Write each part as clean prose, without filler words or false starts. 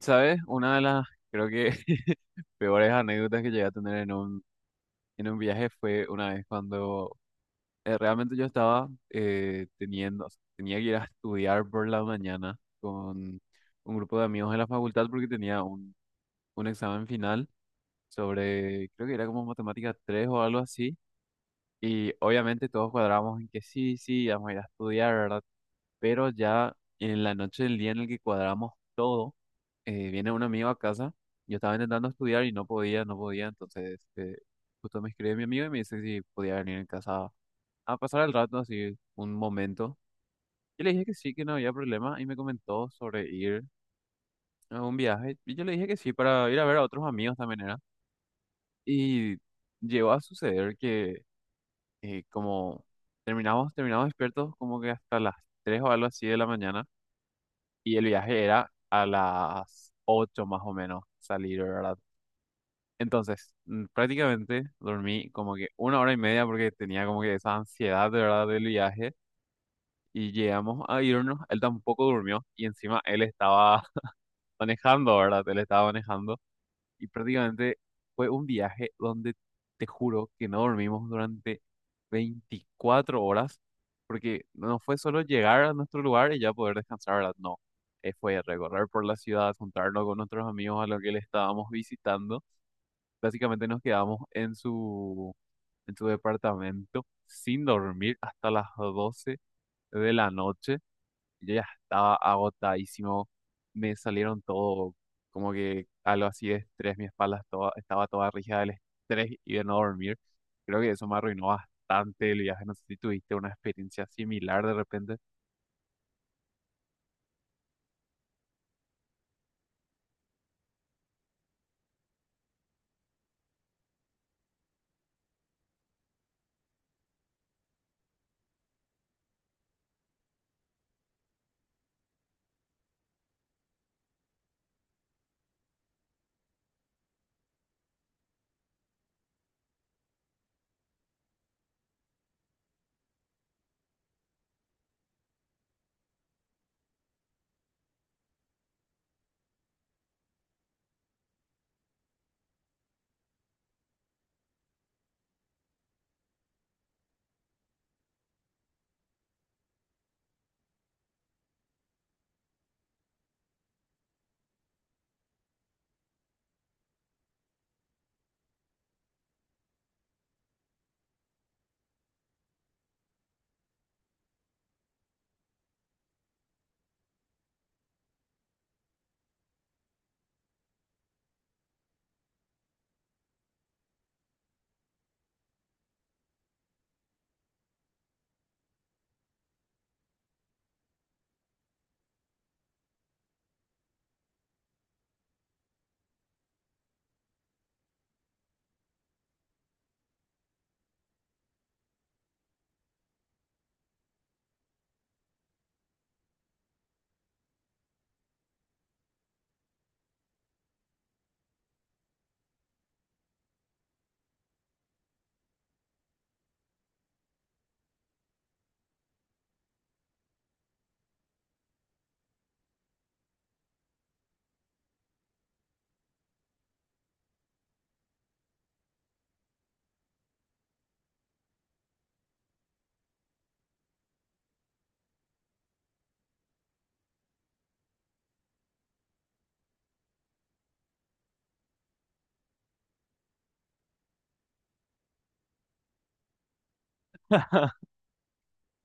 ¿Sabes? Una de las, creo que, peores anécdotas que llegué a tener en en un viaje fue una vez cuando realmente yo estaba teniendo, o sea, tenía que ir a estudiar por la mañana con un grupo de amigos de la facultad porque tenía un examen final sobre, creo que era como matemática 3 o algo así. Y obviamente todos cuadramos en que sí, sí, vamos a ir a estudiar, ¿verdad? Pero ya en la noche del día en el que cuadramos todo, viene un amigo a casa, yo estaba intentando estudiar y no podía, no podía, entonces justo me escribe mi amigo y me dice si podía venir en casa a pasar el rato, así un momento. Yo le dije que sí, que no había problema y me comentó sobre ir a un viaje y yo le dije que sí para ir a ver a otros amigos también era. Y llegó a suceder que como terminamos despiertos como que hasta las 3 o algo así de la mañana y el viaje era a las 8 más o menos salir, ¿verdad? Entonces, prácticamente dormí como que una hora y media porque tenía como que esa ansiedad de verdad del viaje y llegamos a irnos, él tampoco durmió y encima él estaba manejando, ¿verdad? Él estaba manejando y prácticamente fue un viaje donde te juro que no dormimos durante 24 horas porque no fue solo llegar a nuestro lugar y ya poder descansar, ¿verdad? No, fue recorrer por la ciudad, juntarnos con nuestros amigos a los que le estábamos visitando. Básicamente nos quedamos en en su departamento sin dormir hasta las 12 de la noche. Yo ya estaba agotadísimo. Me salieron todo como que algo así de estrés. Mi espalda estaba toda rígida del estrés y de no dormir. Creo que eso me arruinó bastante el viaje. No sé si tuviste una experiencia similar de repente.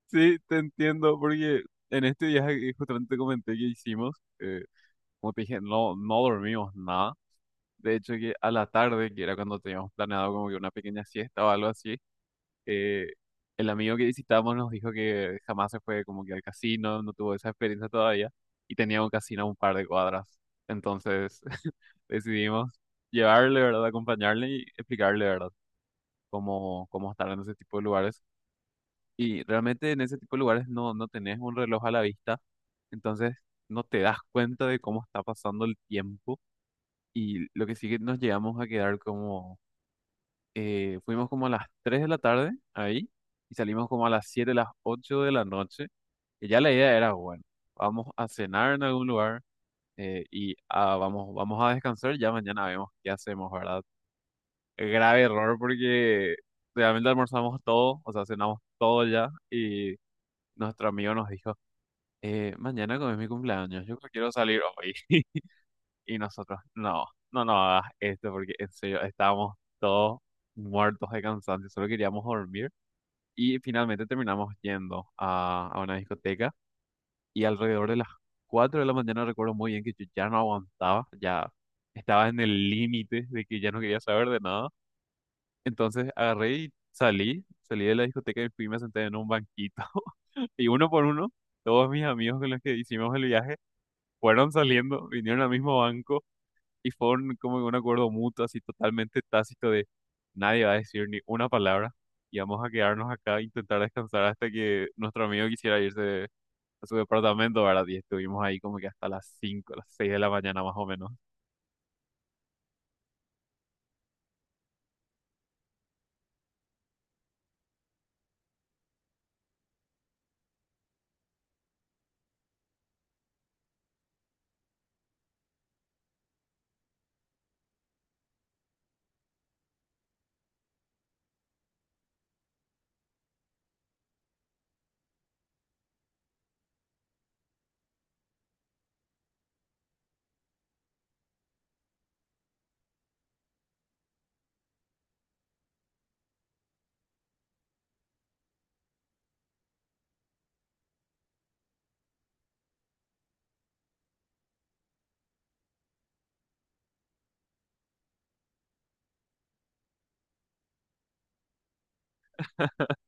Sí, te entiendo, porque en este viaje que justamente te comenté que hicimos, como te dije, no, no dormimos nada. De hecho, que a la tarde, que era cuando teníamos planeado como que una pequeña siesta o algo así, eh, el amigo que visitamos nos dijo que jamás se fue como que al casino, no tuvo esa experiencia todavía, y tenía un casino a un par de cuadras. Entonces decidimos llevarle, ¿verdad? Acompañarle y explicarle, ¿verdad? Cómo estar en ese tipo de lugares. Y realmente en ese tipo de lugares no, no tenés un reloj a la vista, entonces no te das cuenta de cómo está pasando el tiempo. Y lo que sí que nos llegamos a quedar como fuimos como a las 3 de la tarde ahí y salimos como a las 7 las 8 de la noche. Y ya la idea era, bueno, vamos a cenar en algún lugar y vamos a descansar, ya mañana vemos qué hacemos, ¿verdad? Grave error porque realmente almorzamos todo, o sea, cenamos todo ya y nuestro amigo nos dijo, mañana como es mi cumpleaños, yo quiero salir hoy. Y nosotros, no, no, no hagas esto porque en serio estábamos todos muertos de cansancio, solo queríamos dormir. Y finalmente terminamos yendo a una discoteca y alrededor de las 4 de la mañana recuerdo muy bien que yo ya no aguantaba, ya estaba en el límite de que ya no quería saber de nada. Entonces agarré y salí de la discoteca y fui y me senté en un banquito. Y uno por uno, todos mis amigos con los que hicimos el viaje fueron saliendo, vinieron al mismo banco y fue como un acuerdo mutuo, así totalmente tácito de nadie va a decir ni una palabra y vamos a quedarnos acá e intentar descansar hasta que nuestro amigo quisiera irse a su departamento, ¿verdad? Y estuvimos ahí como que hasta las 5 las 6 de la mañana más o menos.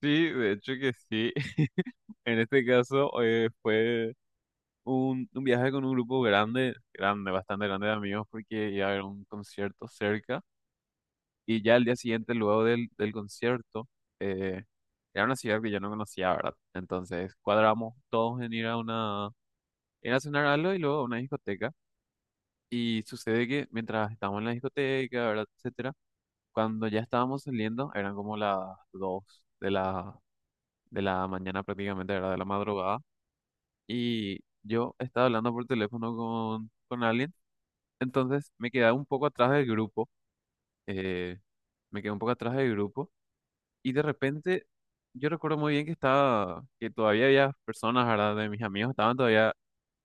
Sí, de hecho que sí. En este caso fue un viaje con un grupo grande, grande, bastante grande de amigos porque iba a haber un concierto cerca. Y ya el día siguiente, luego del concierto, eh, era una ciudad que yo no conocía, ¿verdad? Entonces cuadramos todos en ir a ir a cenar algo y luego a una discoteca. Y sucede que mientras estábamos en la discoteca, ¿verdad? Etcétera, cuando ya estábamos saliendo, eran como las 2 de de la mañana prácticamente, ¿verdad? De la madrugada. Y yo estaba hablando por teléfono con alguien, entonces me quedé un poco atrás del grupo. eh, Me quedé un poco atrás del grupo. Y de repente, yo recuerdo muy bien que estaba, que todavía había personas, ¿verdad? De mis amigos, estaban todavía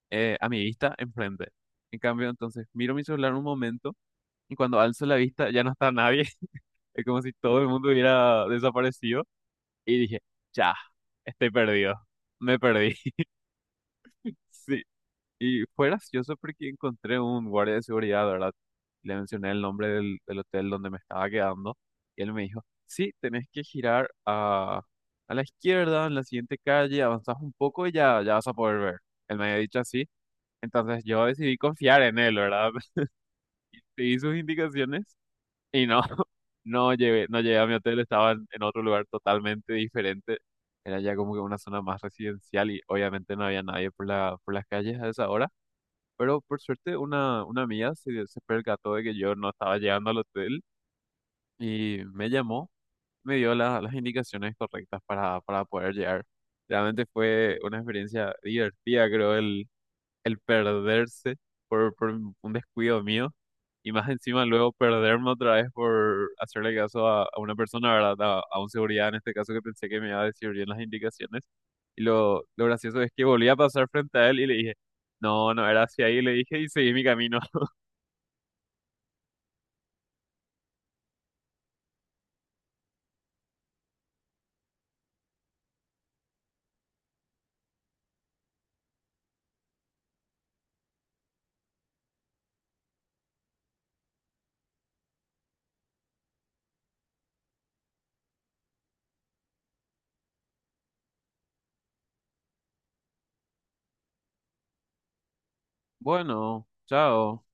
a mi vista enfrente. En cambio, entonces, miro mi celular un momento y cuando alzo la vista ya no está nadie. Es como si todo el mundo hubiera desaparecido. Y dije, ya, estoy perdido. Me perdí. Sí. Y fue gracioso porque encontré un guardia de seguridad, ¿verdad? Le mencioné el nombre del hotel donde me estaba quedando y él me dijo, sí, tenés que girar a la izquierda, en la siguiente calle, avanzás un poco y ya vas a poder ver. Él me había dicho así, entonces yo decidí confiar en él, ¿verdad? Seguí sus indicaciones y no, no llegué a mi hotel, estaba en otro lugar totalmente diferente. Era ya como que una zona más residencial y obviamente no había nadie por por las calles a esa hora. Pero por suerte una amiga se percató de que yo no estaba llegando al hotel y me llamó, me dio las indicaciones correctas para poder llegar. Realmente fue una experiencia divertida, creo, el perderse por un descuido mío y más encima luego perderme otra vez por hacerle caso a una persona, ¿verdad? A un seguridad en este caso que pensé que me iba a decir bien las indicaciones. Y lo gracioso es que volví a pasar frente a él y le dije, no, no era hacia ahí, le dije y seguí mi camino. Bueno, chao.